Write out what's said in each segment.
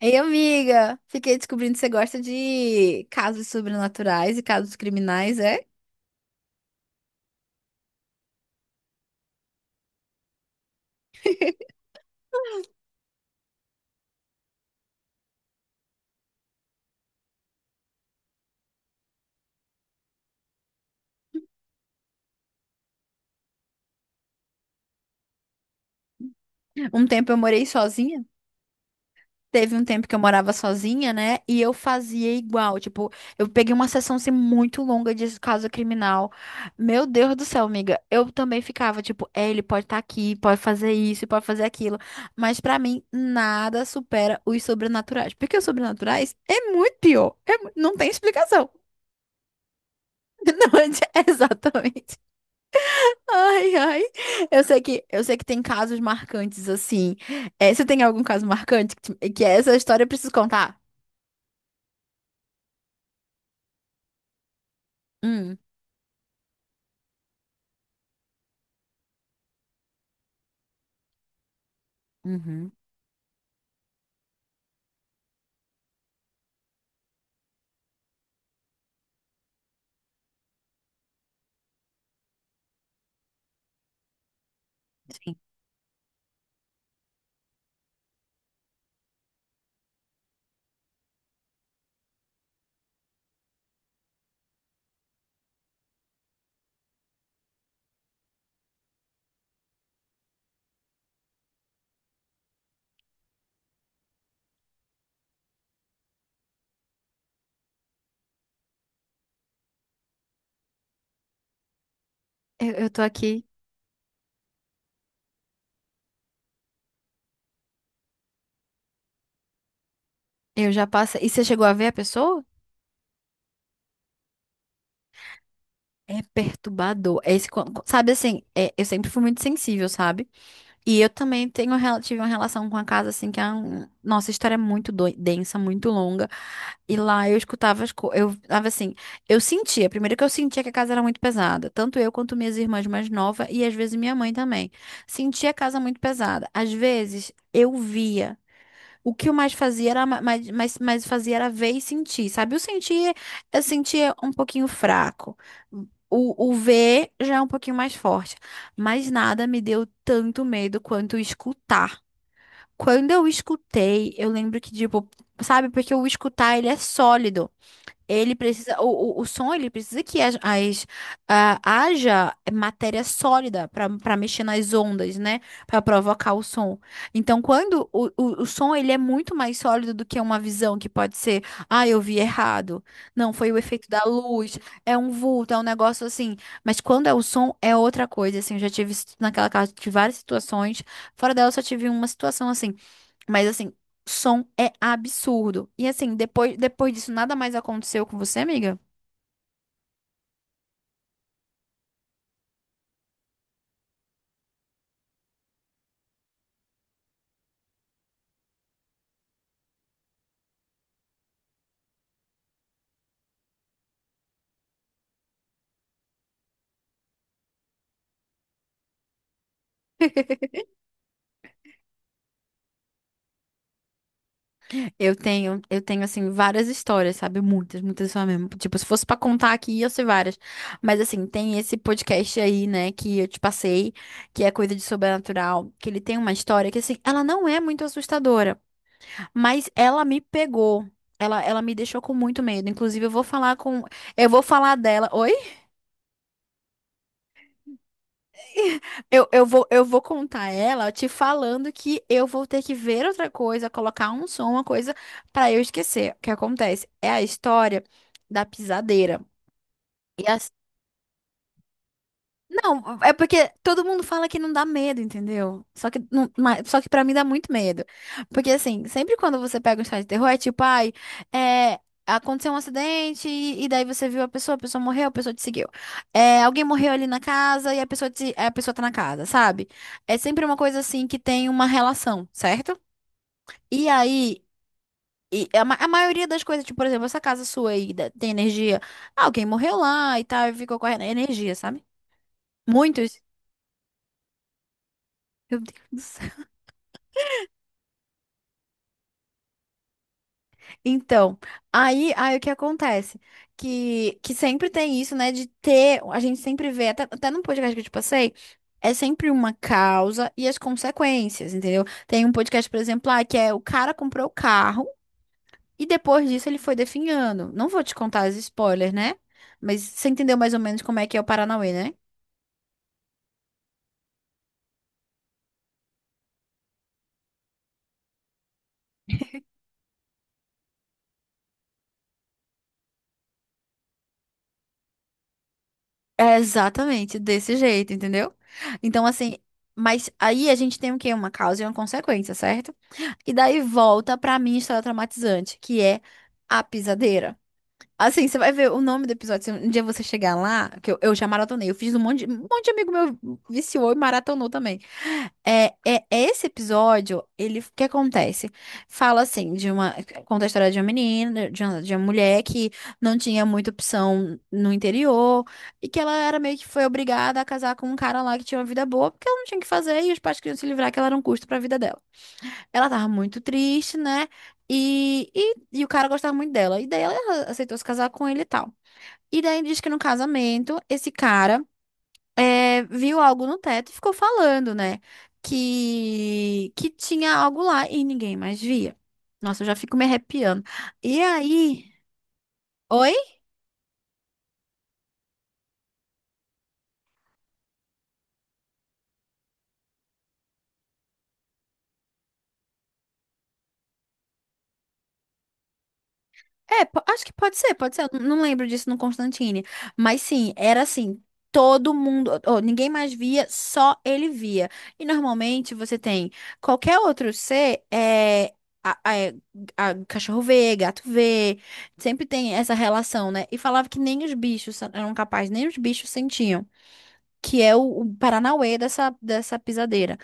Ei, amiga, fiquei descobrindo que você gosta de casos sobrenaturais e casos criminais, é? Um tempo eu morei sozinha. Teve um tempo que eu morava sozinha, né? E eu fazia igual. Tipo, eu peguei uma sessão assim, muito longa de caso criminal. Meu Deus do céu, amiga. Eu também ficava, tipo, é, ele pode estar aqui, pode fazer isso, pode fazer aquilo. Mas pra mim, nada supera os sobrenaturais. Porque os sobrenaturais é muito pior. Não tem explicação. Não, é exatamente. Ai, ai. Eu sei que tem casos marcantes assim. É, você tem algum caso marcante que essa história eu preciso contar? Hum. Uhum. Sim. Eu tô aqui. Eu já passei. E você chegou a ver a pessoa? É perturbador. É esse, sabe assim, eu sempre fui muito sensível, sabe? E eu também tenho, tive uma relação com a casa, assim, que a nossa história é muito densa, muito longa. E lá eu escutava as coisas. Eu tava assim, eu sentia, primeiro que eu sentia que a casa era muito pesada. Tanto eu quanto minhas irmãs mais novas e às vezes minha mãe também. Sentia a casa muito pesada. Às vezes eu via. O que eu mais fazia era mais fazia era ver e sentir, sabe? O sentir, eu sentia um pouquinho fraco. O ver já é um pouquinho mais forte. Mas nada me deu tanto medo quanto escutar. Quando eu escutei, eu lembro que, tipo, sabe, porque o escutar ele é sólido. Ele precisa, o som, ele precisa que haja matéria sólida para mexer nas ondas, né? Para provocar o som. Então, quando o som ele é muito mais sólido do que uma visão que pode ser, eu vi errado. Não, foi o efeito da luz, é um vulto, é um negócio assim. Mas quando é o som, é outra coisa, assim. Eu já tive isso naquela casa, tive várias situações. Fora dela, eu só tive uma situação assim. Mas assim, som é absurdo. E assim, depois, depois disso, nada mais aconteceu com você, amiga? Eu tenho assim várias histórias, sabe? Muitas, muitas só mesmo. Tipo, se fosse pra contar aqui, ia ser várias. Mas assim, tem esse podcast aí, né, que eu te passei, que é coisa de sobrenatural, que ele tem uma história que assim, ela não é muito assustadora, mas ela me pegou. Ela me deixou com muito medo. Inclusive, eu vou falar com. Eu vou falar dela. Oi? Eu vou contar ela te falando que eu vou ter que ver outra coisa, colocar um som, uma coisa, pra eu esquecer. O que acontece? É a história da pisadeira. E não, é porque todo mundo fala que não dá medo, entendeu? Só que, não, só que pra mim dá muito medo. Porque, assim, sempre quando você pega um site de terror, é tipo, ai, é, aconteceu um acidente e daí você viu a pessoa morreu, a pessoa te seguiu. É, alguém morreu ali na casa e a pessoa, a pessoa tá na casa, sabe? É sempre uma coisa, assim, que tem uma relação, certo? E aí... E a maioria das coisas, tipo, por exemplo, essa casa sua tem energia. Ah, alguém morreu lá e tal, e ficou com a energia, sabe? Muitos. Meu Deus. Então, aí o que acontece? Que sempre tem isso, né? De ter, a gente sempre vê, até no podcast que eu te passei, é sempre uma causa e as consequências, entendeu? Tem um podcast, por exemplo, lá, que é o cara comprou o carro e depois disso ele foi definhando. Não vou te contar as spoilers, né? Mas você entendeu mais ou menos como é que é o Paranauê, né? É exatamente desse jeito, entendeu? Então, assim, mas aí a gente tem o quê? Uma causa e uma consequência, certo? E daí volta pra minha história traumatizante, que é a pisadeira. Assim, você vai ver o nome do episódio. Se um dia você chegar lá, que eu já maratonei, eu fiz um monte, um monte de amigo meu viciou e maratonou também. É esse episódio, ele, o que acontece? Fala assim, de uma, conta a história de uma menina, de uma mulher que não tinha muita opção no interior e que ela era meio que foi obrigada a casar com um cara lá que tinha uma vida boa porque ela não tinha o que fazer e os pais queriam se livrar que ela era um custo pra vida dela. Ela tava muito triste, né? E o cara gostava muito dela. E daí ela aceitou se casar com ele e tal. E daí diz que no casamento, esse cara viu algo no teto e ficou falando, né? Que tinha algo lá e ninguém mais via. Nossa, eu já fico me arrepiando. E aí. Oi? É, acho que pode ser, pode ser. Eu não lembro disso no Constantine. Mas sim, era assim, todo mundo, ou ninguém mais via, só ele via. E normalmente você tem qualquer outro ser, a, a- é, cachorro vê, gato vê, sempre tem essa relação, né? E falava que nem os bichos eram capazes, nem os bichos sentiam, que é o Paranauê dessa, dessa pisadeira.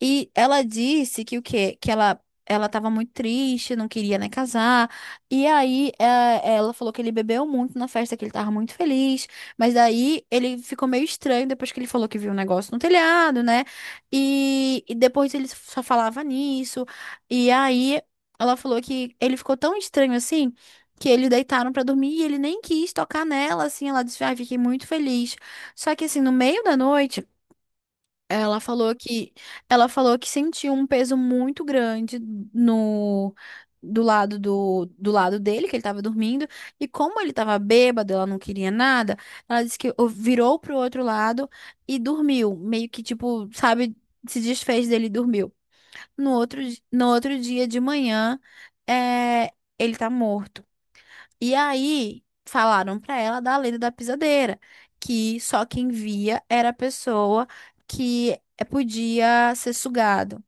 E ela disse que o quê? Que ela ela estava muito triste, não queria nem casar. E aí é, ela falou que ele bebeu muito na festa, que ele estava muito feliz. Mas daí ele ficou meio estranho depois que ele falou que viu um negócio no telhado, né? E depois ele só falava nisso. E aí ela falou que ele ficou tão estranho assim. Que eles deitaram pra dormir e ele nem quis tocar nela, assim. Ela disse: Ai, fiquei muito feliz. Só que, assim, no meio da noite. Ela falou que ela falou que sentiu um peso muito grande no do lado dele, que ele tava dormindo, e como ele tava bêbado, ela não queria nada, ela disse que virou pro outro lado e dormiu, meio que tipo, sabe, se desfez dele e dormiu. No outro dia de manhã, é, ele tá morto. E aí falaram pra ela da lenda da pisadeira, que só quem via era a pessoa que podia ser sugado.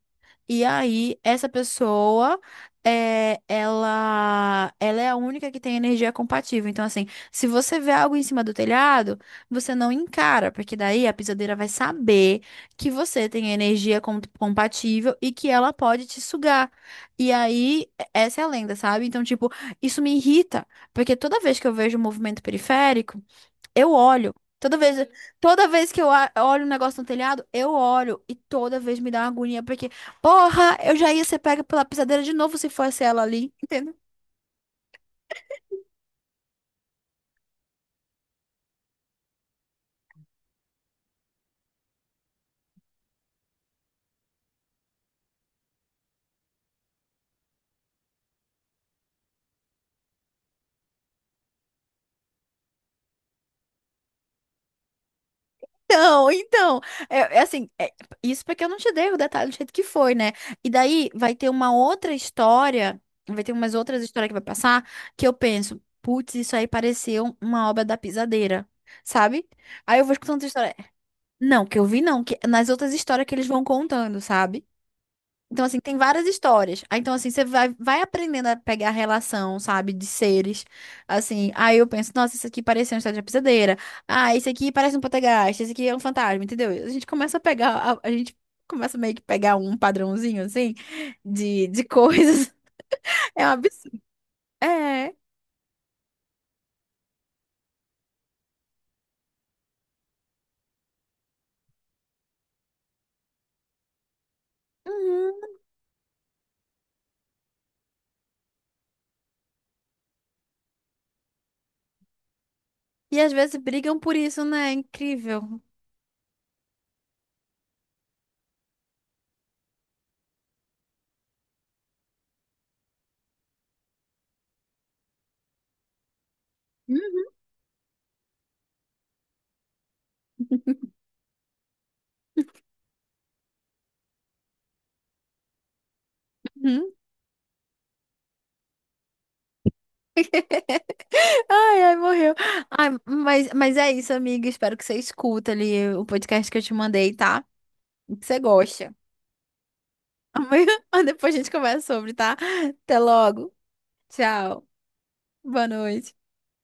E aí, essa pessoa, ela é a única que tem energia compatível. Então, assim, se você vê algo em cima do telhado, você não encara, porque daí a pisadeira vai saber que você tem energia compatível e que ela pode te sugar. E aí, essa é a lenda, sabe? Então, tipo, isso me irrita, porque toda vez que eu vejo o movimento periférico, eu olho. Toda vez, toda vez que eu olho um negócio no telhado, eu olho. E toda vez me dá uma agonia, porque, porra, eu já ia ser pega pela pisadeira de novo se fosse ela ali, entendeu? Então, é assim, isso porque eu não te dei o detalhe do jeito que foi, né? E daí vai ter uma outra história, vai ter umas outras histórias que vai passar, que eu penso, putz, isso aí pareceu uma obra da pisadeira, sabe? Aí eu vou escutando outra história. Não, que eu vi não, que nas outras histórias que eles vão contando, sabe? Então, assim, tem várias histórias. Aí, então, assim, você vai, vai aprendendo a pegar a relação, sabe, de seres. Assim, aí eu penso, nossa, isso aqui parece uma história de pisadeira. Ah, isso aqui parece um poltergeist, isso aqui é um fantasma, entendeu? A gente começa a pegar, a gente começa meio que pegar um padrãozinho, assim, de coisas. É um absurdo. É. Uhum. E às vezes brigam por isso, né? É incrível. Uhum. Uhum. Ai, ai, morreu. Ai, mas é isso, amiga. Espero que você escuta ali o podcast que eu te mandei, tá? E que você gosta. Amanhã, depois a gente conversa sobre, tá? Até logo. Tchau. Boa noite.